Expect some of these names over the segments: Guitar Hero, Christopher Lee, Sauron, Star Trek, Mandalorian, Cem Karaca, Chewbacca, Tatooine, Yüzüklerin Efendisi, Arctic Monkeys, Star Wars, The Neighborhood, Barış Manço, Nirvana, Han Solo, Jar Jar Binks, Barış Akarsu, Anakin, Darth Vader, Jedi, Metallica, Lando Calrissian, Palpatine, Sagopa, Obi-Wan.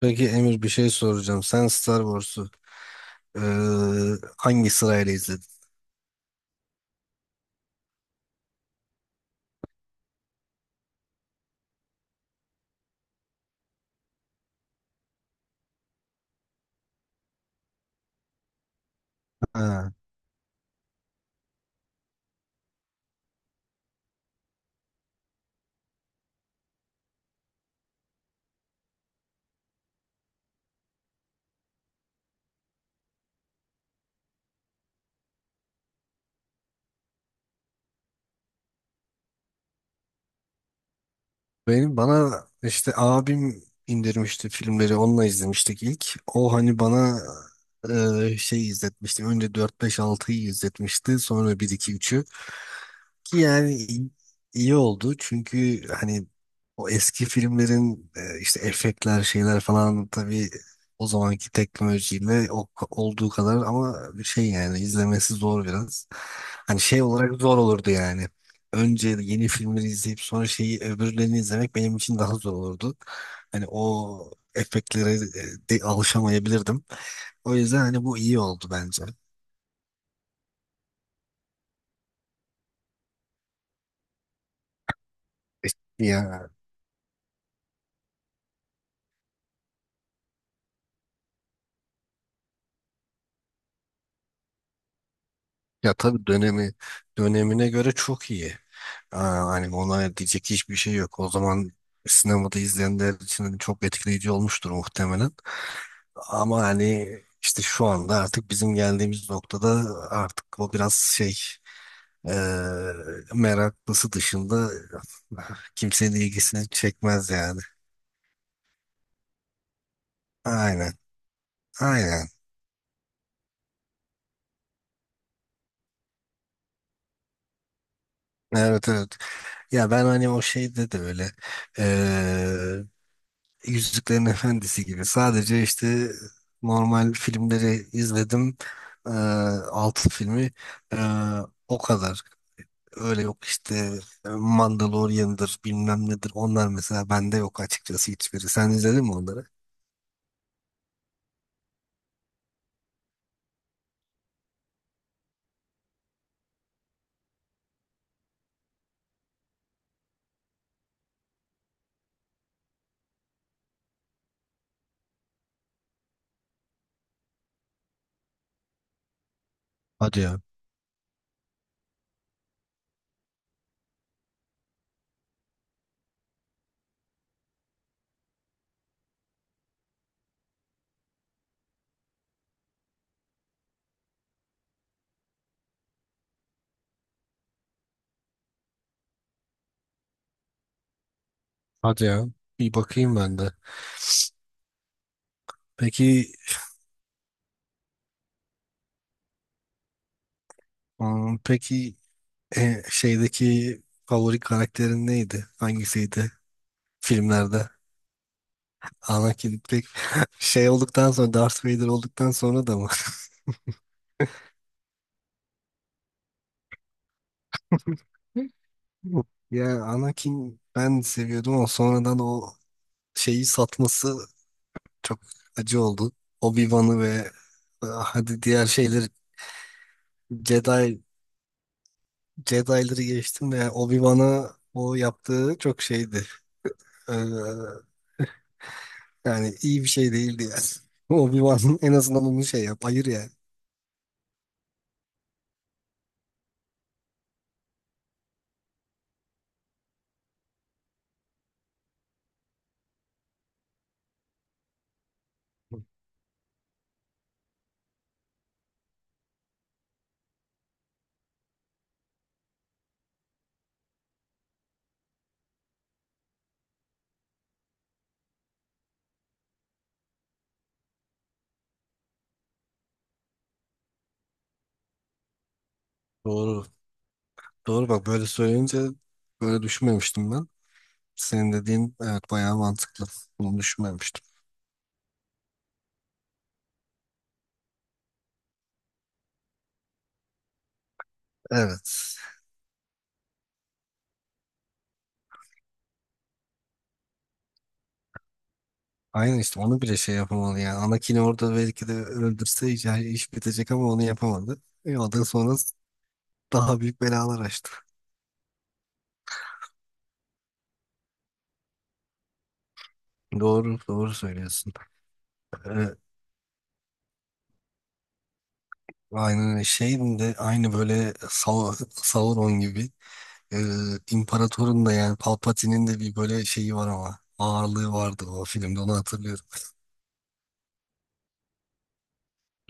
Peki Emir bir şey soracağım. Sen Star Wars'u hangi sırayla izledin? Ha. Benim bana işte abim indirmişti filmleri, onunla izlemiştik ilk. O hani bana şey izletmişti. Önce dört beş altıyı izletmişti. Sonra bir iki 3'ü. Ki yani iyi oldu çünkü hani o eski filmlerin işte efektler şeyler falan, tabii o zamanki teknolojiyle o, olduğu kadar, ama bir şey yani izlemesi zor biraz. Hani şey olarak zor olurdu yani. Önce yeni filmleri izleyip sonra şeyi öbürlerini izlemek benim için daha zor olurdu. Hani o efektlere de alışamayabilirdim. O yüzden hani bu iyi oldu bence. Ya ya tabii dönemine göre çok iyi. Aa, hani ona diyecek hiçbir şey yok. O zaman sinemada izleyenler için hani çok etkileyici olmuştur muhtemelen. Ama hani işte şu anda artık bizim geldiğimiz noktada artık o biraz şey, eee, meraklısı dışında kimsenin ilgisini çekmez yani. Aynen. Aynen. Evet, evet. Ya ben hani o şeyde de öyle. e, Yüzüklerin Efendisi gibi. Sadece işte normal filmleri izledim. Ee, altı filmi, Ee, o kadar. Öyle yok işte Mandalorian'dır bilmem nedir. Onlar mesela bende yok açıkçası, hiçbiri. Sen izledin mi onları? Hadi ya. Hadi ya. Bir bakayım ben de. Peki ım, peki şeydeki favori karakterin neydi? Hangisiydi filmlerde? Anakin pek şey olduktan sonra, Darth Vader olduktan sonra da mı? Yok. Ya Anakin ben seviyordum ama sonradan o şeyi satması çok acı oldu. Obi-Wan'ı ve hadi diğer şeyleri. Jedi Jedi'ları geçtim de, yani Obi-Wan'a o yaptığı çok şeydi. Ee, yani iyi bir şey değildi yani. Obi-Wan en azından onu şey yap, ayır yani. Doğru. Doğru, bak böyle söyleyince böyle düşünmemiştim ben. Senin dediğin evet bayağı mantıklı. Bunu düşünmemiştim. Evet. Aynen işte onu bile şey yapamadı yani. Anakin'i orada belki de öldürse hiç- yani iş bitecek ama onu yapamadı. O da sonra daha büyük belalar açtı. Doğru, doğru söylüyorsun. E, aynen şeyin de aynı, böyle Sauron gibi e, imparatorun da yani Palpatine'in de bir böyle şeyi var, ama ağırlığı vardı o filmde, onu hatırlıyorum.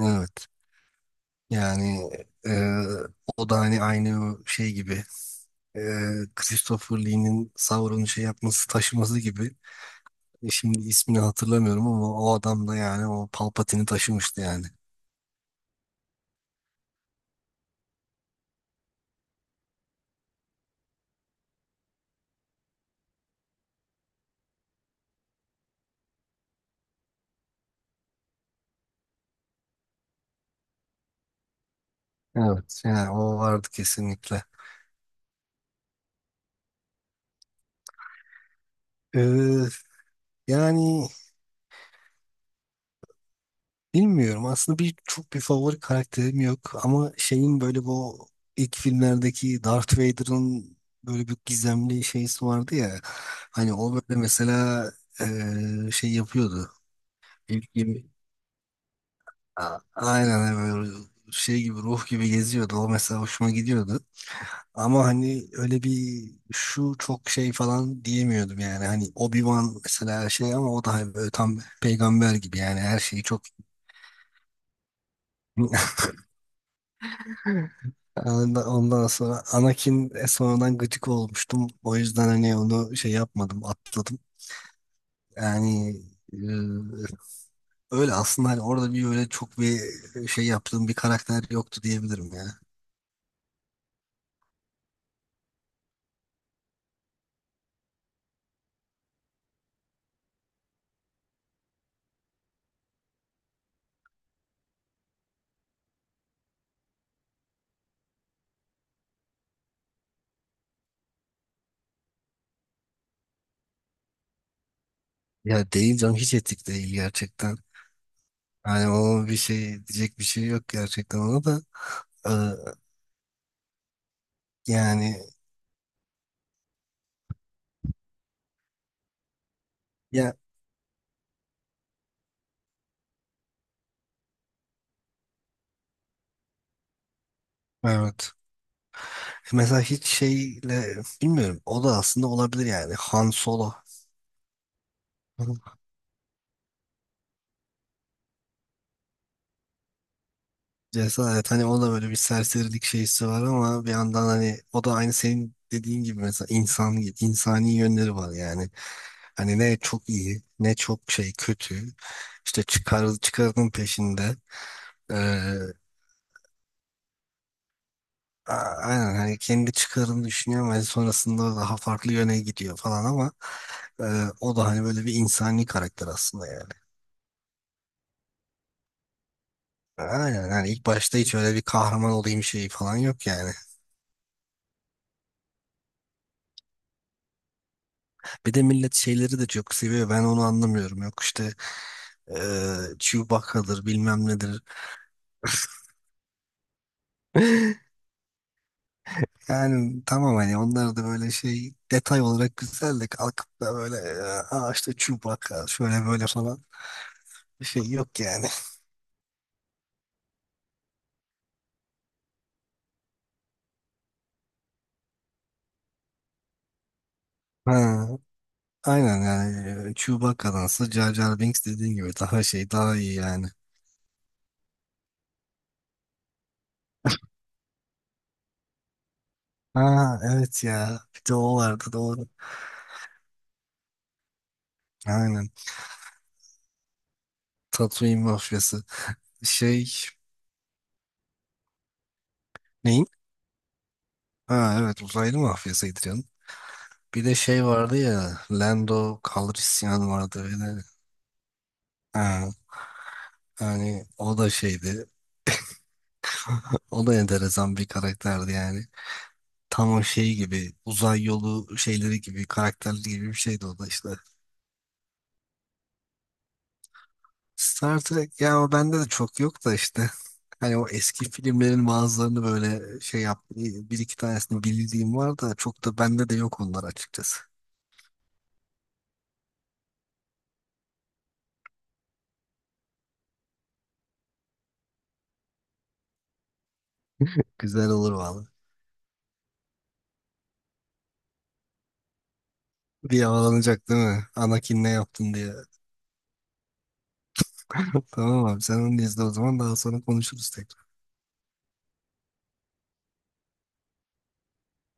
Evet. Yani e, o da hani aynı şey gibi e, Christopher Lee'nin Sauron'u şey yapması, taşıması gibi. Şimdi ismini hatırlamıyorum ama o adam da yani o Palpatine'i taşımıştı yani. Evet. Yani o vardı kesinlikle. Ee, yani bilmiyorum aslında, bir favori karakterim yok ama şeyin böyle bu ilk filmlerdeki Darth Vader'ın böyle bir gizemli şeysi vardı ya, hani o böyle mesela şey yapıyordu ilk gibi. Aynen böyle şey gibi, ruh gibi geziyordu o, mesela hoşuma gidiyordu. Ama hani öyle bir şu çok şey falan diyemiyordum yani. Hani Obi-Wan mesela şey, ama o da hani böyle tam peygamber gibi yani, her şeyi çok. Ondan sonra Anakin sonradan gıcık olmuştum. O yüzden hani onu şey yapmadım, atladım. Yani e, öyle aslında, hani orada bir öyle çok bir şey yaptığım bir karakter yoktu diyebilirim ya. Ya değil canım, hiç etik değil gerçekten. Yani o bir şey, diyecek bir şey yok gerçekten ona da. Ee, Yani ya evet. Mesela hiç şeyle bilmiyorum. O da aslında olabilir yani. Han Solo. Cesaret, hani o da böyle bir serserilik şeysi var ama bir yandan hani o da aynı senin dediğin gibi mesela insani yönleri var yani. Hani ne çok iyi ne çok şey kötü. İşte çıkarın peşinde. Aynen hani kendi çıkarını düşünüyor ama sonrasında daha farklı yöne gidiyor falan ama e, o da hani böyle bir insani karakter aslında yani. Aynen yani ilk başta hiç öyle bir kahraman olayım şeyi falan yok yani. Bir de millet şeyleri de çok seviyor, ben onu anlamıyorum. Yok işte e, Chewbacca'dır bilmem nedir. Yani tamam hani onlar da böyle şey detay olarak güzel de, kalkıp da böyle aa işte Chewbacca şöyle böyle falan, bir şey yok yani. Ha. Aynen yani Chewbacca'dansa Jar Jar Binks dediğin gibi daha şey, daha iyi yani. Ha, evet ya bir de o vardı, doğru. Aynen. Tatooine mafyası. Şey, neyin? Ha, evet uzaylı mafyasıydı canım. Bir de şey vardı ya, Lando Calrissian vardı öyle. Ha, yani o da şeydi. O da enteresan bir karakterdi yani. Tam o şey gibi, uzay yolu şeyleri gibi karakterli gibi bir şeydi o da işte. Star Trek ya, o bende de çok yok da işte. Hani o eski filmlerin bazılarını böyle şey yap, bir iki tanesini bildiğim var da çok da bende de yok onlar açıkçası. Güzel olur valla. Bir havalanacak değil mi? Anakin ne yaptın diye. Tamam abi, sen onu izle o zaman, daha sonra konuşuruz tekrar.